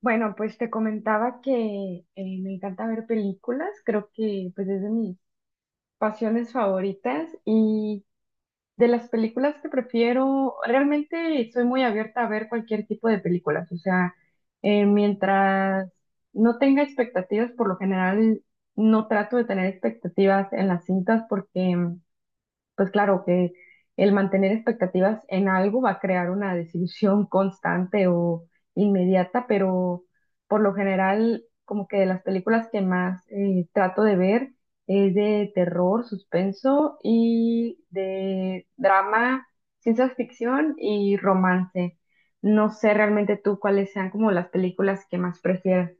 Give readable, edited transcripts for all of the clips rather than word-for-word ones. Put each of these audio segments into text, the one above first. Bueno, pues te comentaba que me encanta ver películas, creo que pues es de mis pasiones favoritas y de las películas que prefiero, realmente soy muy abierta a ver cualquier tipo de películas, o sea, mientras no tenga expectativas, por lo general no trato de tener expectativas en las cintas porque pues claro que el mantener expectativas en algo va a crear una desilusión constante o inmediata, pero por lo general, como que de las películas que más trato de ver es de terror, suspenso y de drama, ciencia ficción y romance. No sé realmente tú cuáles sean como las películas que más prefieras.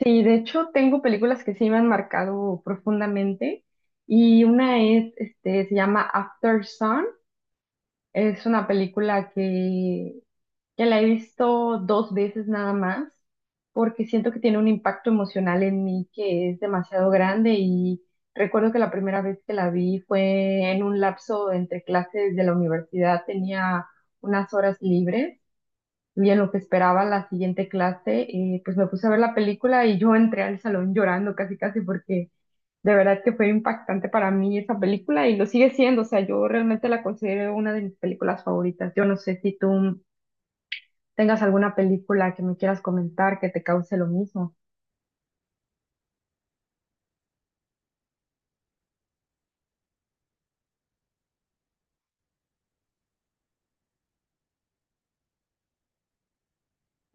Sí, de hecho tengo películas que sí me han marcado profundamente y una es, este, se llama After Sun. Es una película que la he visto dos veces nada más porque siento que tiene un impacto emocional en mí que es demasiado grande y recuerdo que la primera vez que la vi fue en un lapso entre clases de la universidad, tenía unas horas libres. Y en lo que esperaba la siguiente clase, pues me puse a ver la película y yo entré al salón llorando casi casi porque de verdad que fue impactante para mí esa película y lo sigue siendo. O sea, yo realmente la considero una de mis películas favoritas. Yo no sé si tú tengas alguna película que me quieras comentar que te cause lo mismo.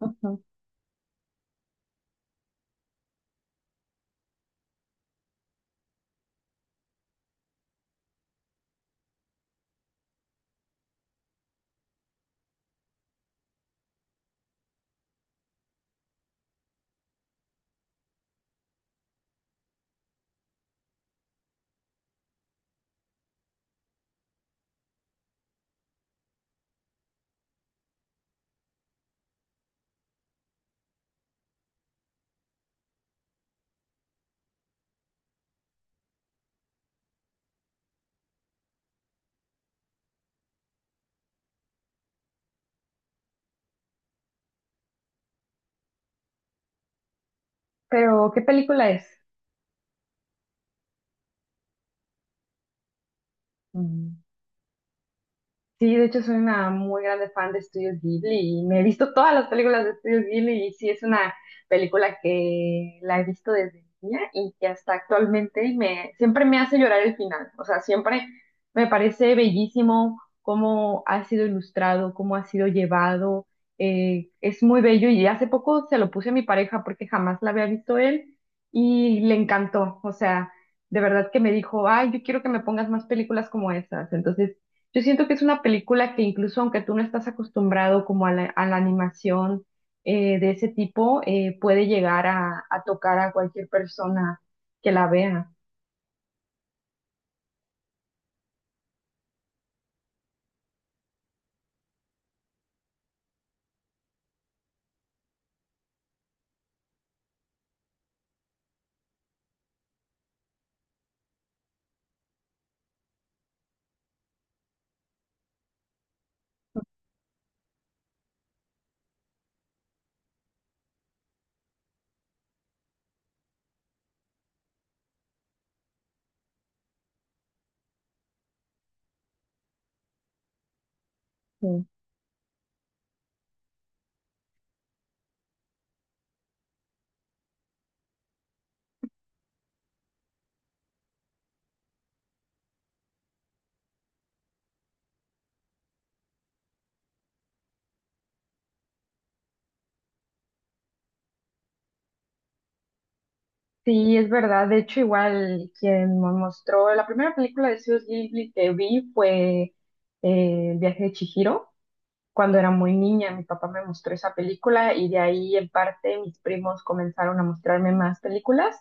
Ujú. Pero, ¿qué película es? Sí, de hecho soy una muy grande fan de Estudios Ghibli y me he visto todas las películas de Estudios Ghibli y sí es una película que la he visto desde niña y que hasta actualmente y me siempre me hace llorar el final. O sea, siempre me parece bellísimo cómo ha sido ilustrado, cómo ha sido llevado. Es muy bello y hace poco se lo puse a mi pareja porque jamás la había visto él y le encantó. O sea, de verdad que me dijo, ay, yo quiero que me pongas más películas como esas. Entonces yo siento que es una película que incluso aunque tú no estás acostumbrado como a la animación de ese tipo, puede llegar a tocar a cualquier persona que la vea. Sí, sí, es verdad. De hecho, igual quien me mostró la primera película de Studio Ghibli que vi fue El viaje de Chihiro. Cuando era muy niña, mi papá me mostró esa película y de ahí en parte mis primos comenzaron a mostrarme más películas,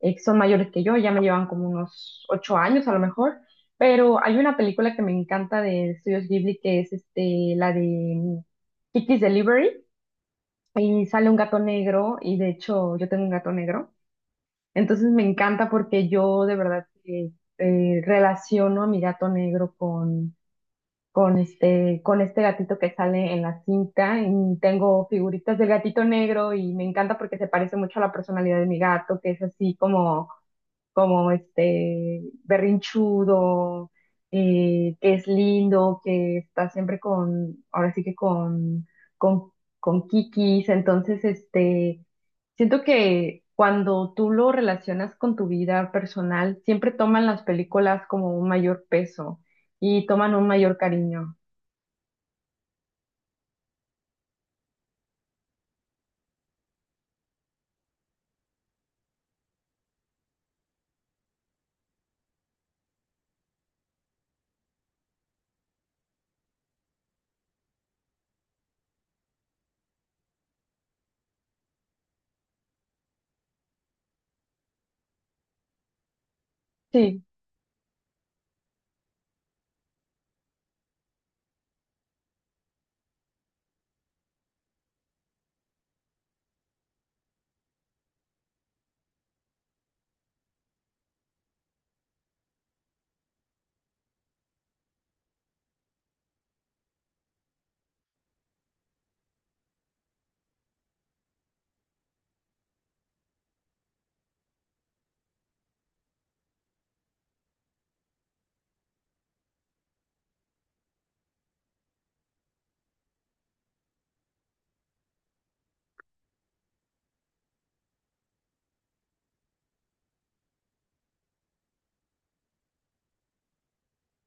que son mayores que yo, ya me llevan como unos 8 años a lo mejor, pero hay una película que me encanta de Estudios Ghibli que es este, la de Kiki's Delivery y sale un gato negro y de hecho yo tengo un gato negro, entonces me encanta porque yo de verdad que, relaciono a mi gato negro con con este gatito que sale en la cinta. Y tengo figuritas del gatito negro y me encanta porque se parece mucho a la personalidad de mi gato, que es así como este berrinchudo, que es lindo, que está siempre con, ahora sí que con, con kikis. Entonces, este, siento que cuando tú lo relacionas con tu vida personal, siempre toman las películas como un mayor peso y toman un mayor cariño. Sí,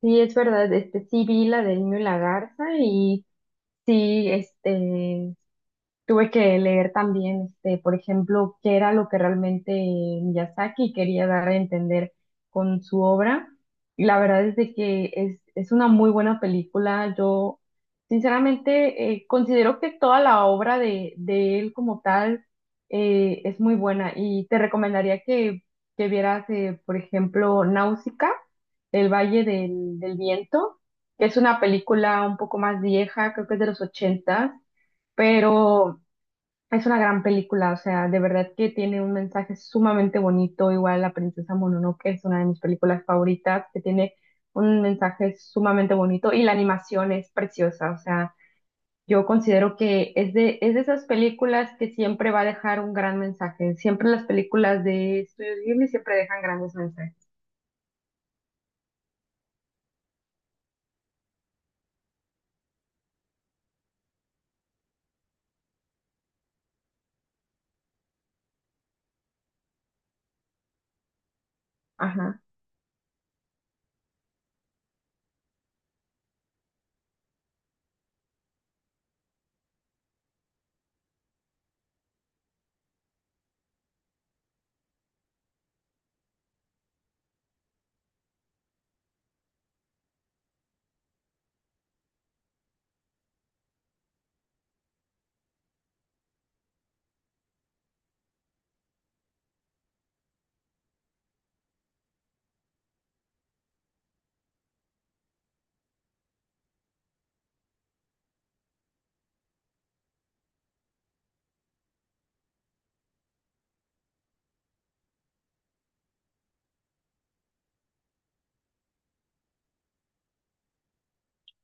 sí, es verdad, este, sí vi la del niño y la garza y sí, este, tuve que leer también, este, por ejemplo, qué era lo que realmente Miyazaki quería dar a entender con su obra. Y la verdad es de que es una muy buena película. Yo, sinceramente, considero que toda la obra de él como tal es muy buena y te recomendaría que vieras, por ejemplo, Náusica, El Valle del Viento, que es una película un poco más vieja, creo que es de los ochentas pero es una gran película, o sea, de verdad que tiene un mensaje sumamente bonito, igual La Princesa Mononoke es una de mis películas favoritas, que tiene un mensaje sumamente bonito y la animación es preciosa, o sea, yo considero que es de esas películas que siempre va a dejar un gran mensaje, siempre las películas de Estudios Ghibli siempre dejan grandes mensajes. Ajá.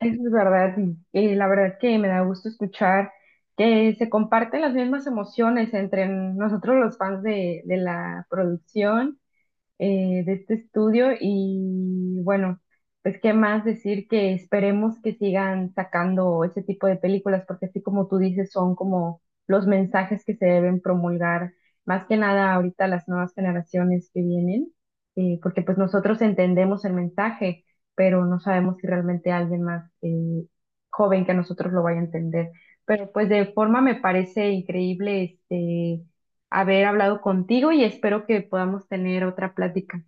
Eso es verdad, y la verdad que me da gusto escuchar que se comparten las mismas emociones entre nosotros los fans de la producción de este estudio y bueno, pues qué más decir que esperemos que sigan sacando ese tipo de películas porque así como tú dices son como los mensajes que se deben promulgar más que nada ahorita las nuevas generaciones que vienen porque pues nosotros entendemos el mensaje pero no sabemos si realmente alguien más joven que nosotros lo vaya a entender. Pero pues de forma me parece increíble este haber hablado contigo y espero que podamos tener otra plática.